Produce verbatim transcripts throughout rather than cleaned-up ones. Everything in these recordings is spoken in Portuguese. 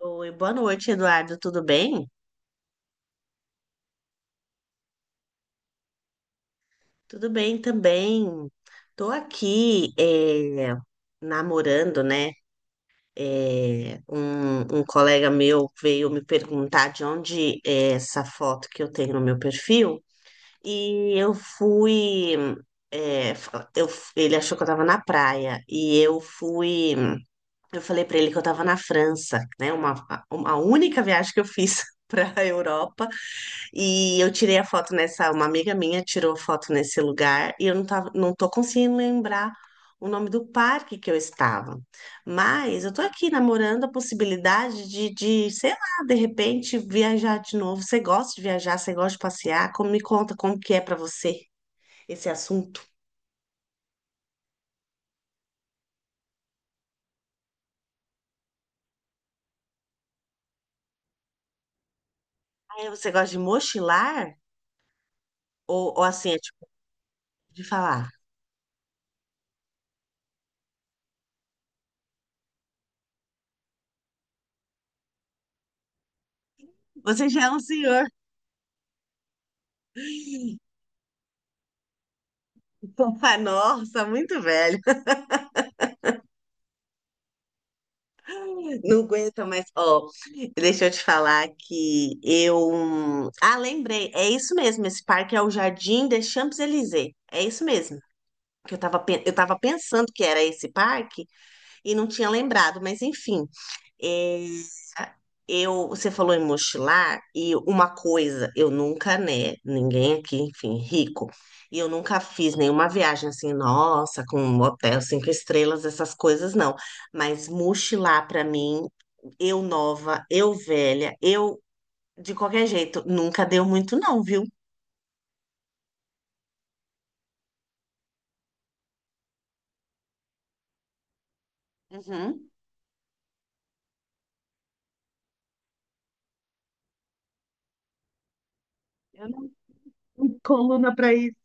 Oi, boa noite, Eduardo. Tudo bem? Tudo bem também. Tô aqui é, namorando, né? É, um, um colega meu veio me perguntar de onde é essa foto que eu tenho no meu perfil e eu fui. é, eu- Ele achou que eu tava na praia e eu fui. Eu falei pra ele que eu tava na França, né? Uma, uma única viagem que eu fiz para a Europa. E eu tirei a foto nessa, uma amiga minha tirou foto nesse lugar e eu não tava, não tô conseguindo lembrar o nome do parque que eu estava. Mas eu tô aqui namorando a possibilidade de, de, sei lá, de repente viajar de novo. Você gosta de viajar, você gosta de passear? Como, me conta como que é pra você esse assunto? Ah, é, você gosta de mochilar ou, ou assim, é tipo de falar? Você já é um senhor. Nossa, muito velho. Não aguento, mas, ó, deixa eu te falar que eu. Ah, lembrei, é isso mesmo, esse parque é o Jardim des Champs-Élysées, é isso mesmo. Que eu tava, pen- eu tava pensando que era esse parque e não tinha lembrado, mas enfim. É, eu, você falou em mochilar, e uma coisa, eu nunca, né, ninguém aqui, enfim, rico, e eu nunca fiz nenhuma viagem assim, nossa, com um hotel cinco estrelas, essas coisas, não. Mas mochilar pra mim, eu nova, eu velha, eu de qualquer jeito, nunca deu muito não, viu? Uhum. Eu não tenho coluna pra isso.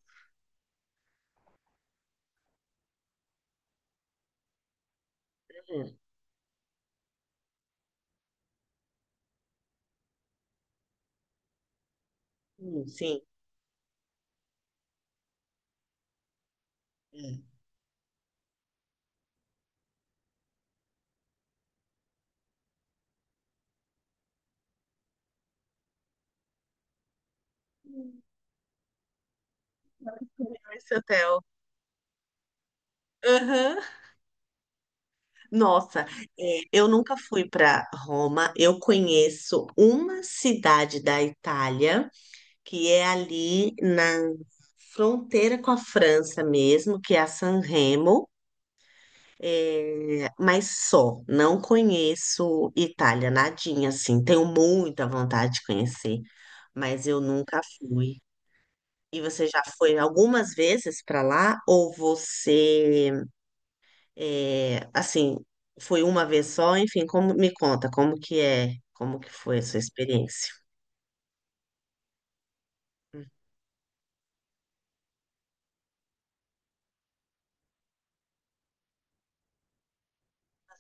Hum, hum, sim. Hum. Esse hotel. Aham. Nossa, é, eu nunca fui para Roma. Eu conheço uma cidade da Itália que é ali na fronteira com a França mesmo, que é a San Remo. É, mas só, não conheço Itália, nadinha assim. Tenho muita vontade de conhecer, mas eu nunca fui. E você já foi algumas vezes para lá? Ou você, é, assim, foi uma vez só? Enfim, como, me conta, como que é, como que foi a sua experiência?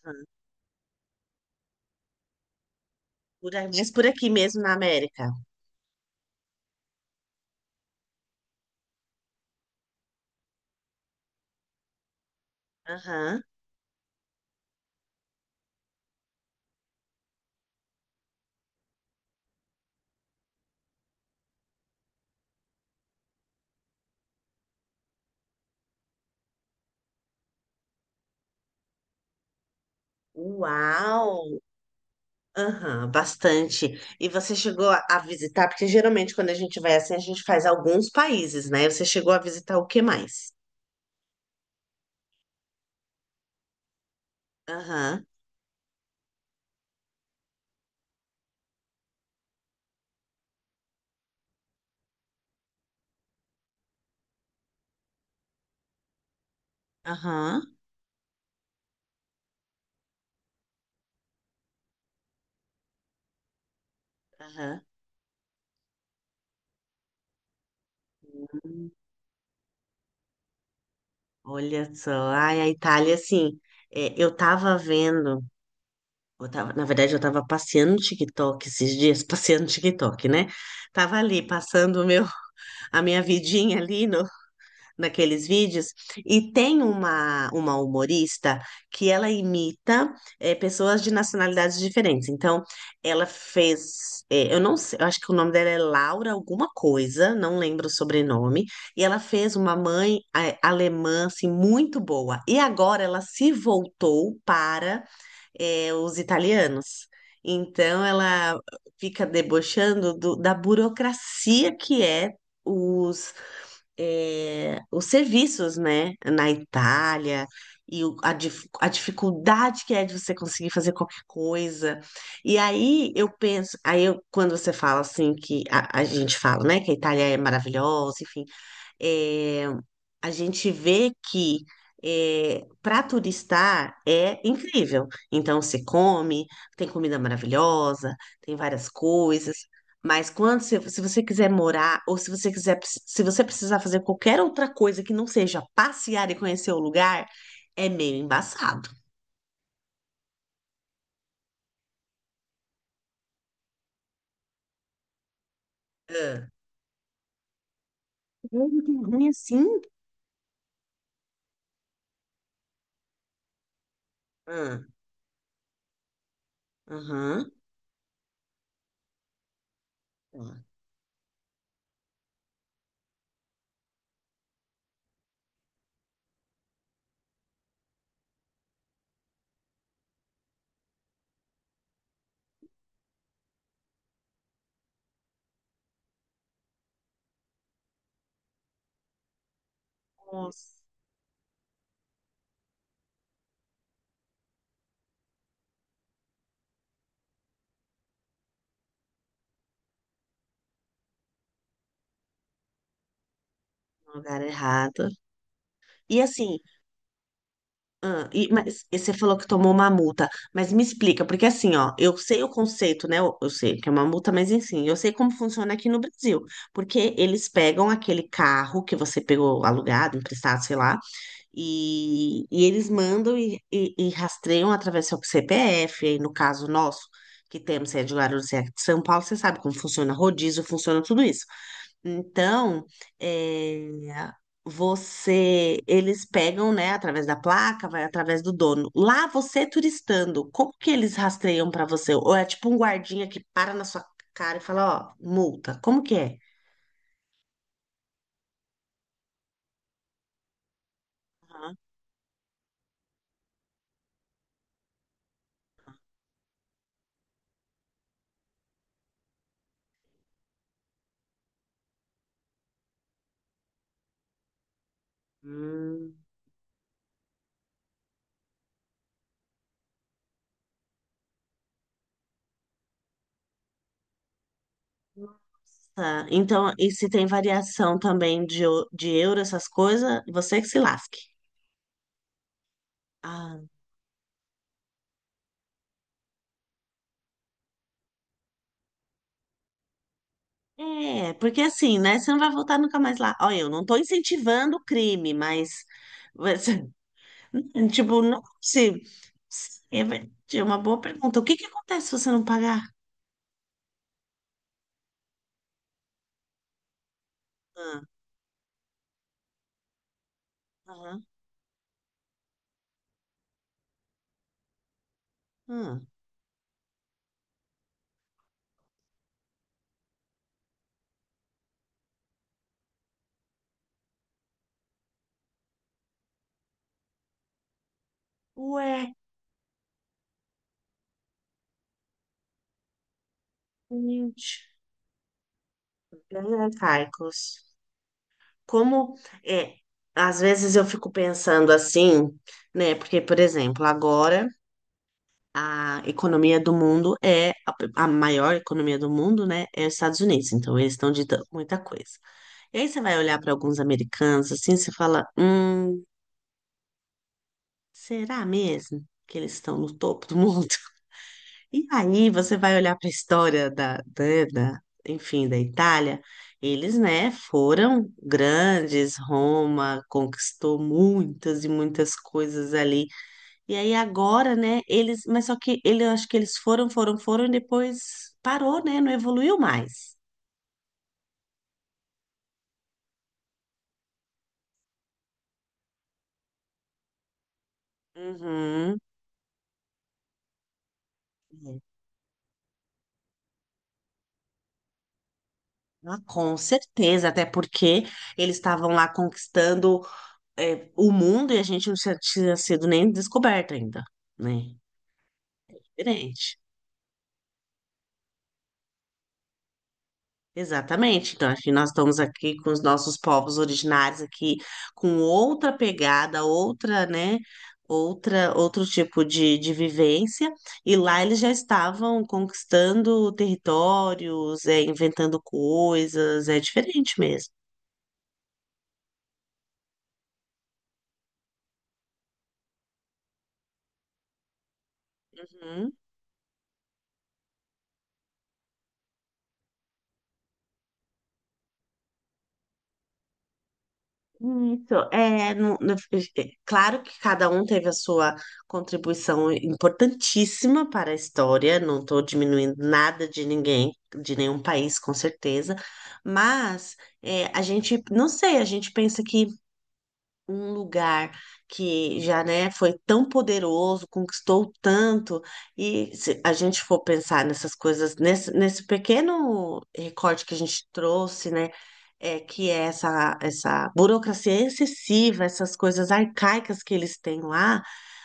Aham. Por aí, mas por aqui mesmo na América. Aham. Uau! Aham, bastante. E você chegou a a visitar, porque geralmente quando a gente vai assim, a gente faz alguns países, né? Você chegou a visitar o que mais? Aham. Aham. Aham. Hum, olha só, ai, a Itália, assim, é, eu tava vendo, eu tava, na verdade, eu tava passeando no TikTok esses dias, passeando no TikTok, né? Tava ali, passando o meu, a minha vidinha ali no, naqueles vídeos. E tem uma, uma humorista que ela imita eh, pessoas de nacionalidades diferentes. Então, ela fez, eh, eu não sei, eu acho que o nome dela é Laura alguma coisa, não lembro o sobrenome. E ela fez uma mãe eh, alemã, assim, muito boa. E agora ela se voltou para eh, os italianos. Então, ela fica debochando do- da burocracia que é os é, os serviços, né, na Itália, e o- a, dif- a dificuldade que é de você conseguir fazer qualquer coisa. E aí eu penso, aí eu- quando você fala assim, que a, a gente fala, né, que a Itália é maravilhosa, enfim, é, a gente vê que para turistar é incrível. Então, você come, tem comida maravilhosa, tem várias coisas. Mas quando você, se você quiser morar, ou se você quiser, se você precisar fazer qualquer outra coisa que não seja passear e conhecer o lugar, é meio embaçado. Ah. Ele tem ruim assim? Ah, aham. Ah. Nossa, no lugar errado. E assim, ah, e, mas e você falou que tomou uma multa, mas me explica, porque assim, ó, eu sei o conceito, né? Eu, eu sei que é uma multa, mas enfim, eu sei como funciona aqui no Brasil, porque eles pegam aquele carro que você pegou alugado, emprestado, sei lá. E, e eles mandam e, e- e rastreiam através do C P F, aí no caso nosso, que temos sede de Guarulhos e aqui de São Paulo, você sabe como funciona rodízio, funciona tudo isso. Então, é, você, eles pegam, né, através da placa, vai através do dono. Lá você turistando, como que eles rastreiam para você? Ou é tipo um guardinha que para na sua cara e fala, ó, multa, como que é? Hum. Tá, então, e se tem variação também de, eu- de euro, essas coisas, você que se lasque. Ah, é, porque assim, né? Você não vai voltar nunca mais lá. Olha, eu não tô incentivando o crime, mas. você- Tipo, não, se. Se- É ver- é uma boa pergunta. O que que acontece se você não pagar? Ah, aham, ah. Ué, gente. Bem Carcos. Como. É, às vezes eu fico pensando assim, né? Porque, por exemplo, agora, a economia do mundo é a, a maior economia do mundo, né? É os Estados Unidos. Então eles estão ditando muita coisa. E aí você vai olhar para alguns americanos assim, você fala, hum, será mesmo que eles estão no topo do mundo? E aí você vai olhar para a história da, da, da- enfim, da Itália. Eles, né, foram grandes, Roma conquistou muitas e muitas coisas ali e aí agora, né, eles, mas só que ele, eu acho que eles foram, foram, foram e depois parou, né, não evoluiu mais. Uhum. É. Ah, com certeza, até porque eles estavam lá conquistando, é, o mundo e a gente não tinha tinha sido nem descoberto ainda, né? Diferente. Exatamente. Então, acho que nós estamos aqui com os nossos povos originários aqui, com outra pegada, outra, né, outra, outro tipo de, de vivência, e lá eles já estavam conquistando territórios, é, inventando coisas, é diferente mesmo. Uhum. Isso, é, no- no- é, é, claro que cada um teve a sua contribuição importantíssima para a história, não estou diminuindo nada de ninguém, de nenhum país, com certeza, mas é, a gente, não sei, a gente pensa que um lugar que já, né, foi tão poderoso, conquistou tanto, e se a gente for pensar nessas coisas, nesse, nesse pequeno recorte que a gente trouxe, né, é, que é essa, essa burocracia excessiva, essas coisas arcaicas que eles têm lá,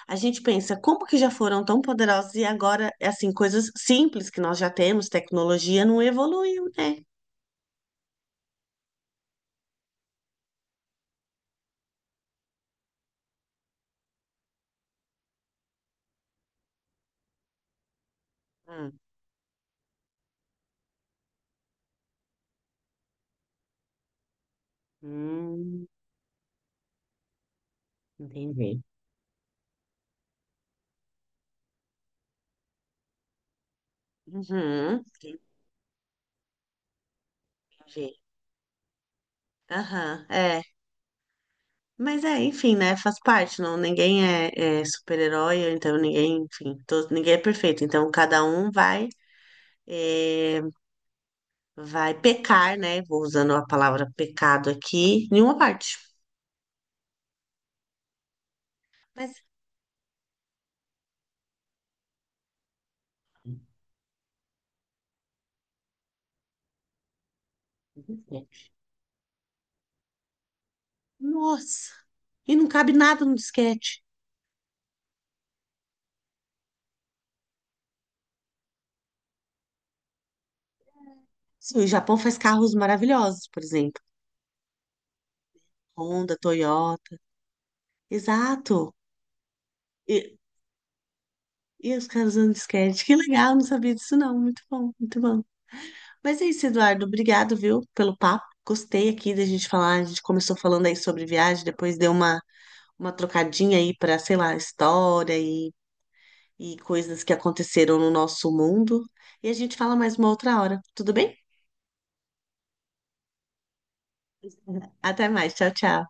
a gente pensa, como que já foram tão poderosos e agora, assim, coisas simples que nós já temos, tecnologia não evoluiu, né? Hum, hum, entendi. Uhum, entendi. Aham, é. Mas é, enfim, né? Faz parte, não, ninguém é, é super-herói, ou então ninguém, enfim, todo, ninguém é perfeito. Então cada um vai, é, vai pecar, né? Vou usando a palavra pecado aqui, em uma parte. Mas nossa! E não cabe nada no disquete. Sim, o Japão faz carros maravilhosos, por exemplo. Honda, Toyota. Exato. E, e os caras usando disquete. Que legal, não sabia disso não. Muito bom, muito bom. Mas é isso, Eduardo. Obrigado, viu, pelo papo. Gostei aqui da gente falar. A gente começou falando aí sobre viagem, depois deu uma, uma trocadinha aí para, sei lá, história e, e coisas que aconteceram no nosso mundo. E a gente fala mais uma outra hora. Tudo bem? Até mais. Tchau, tchau.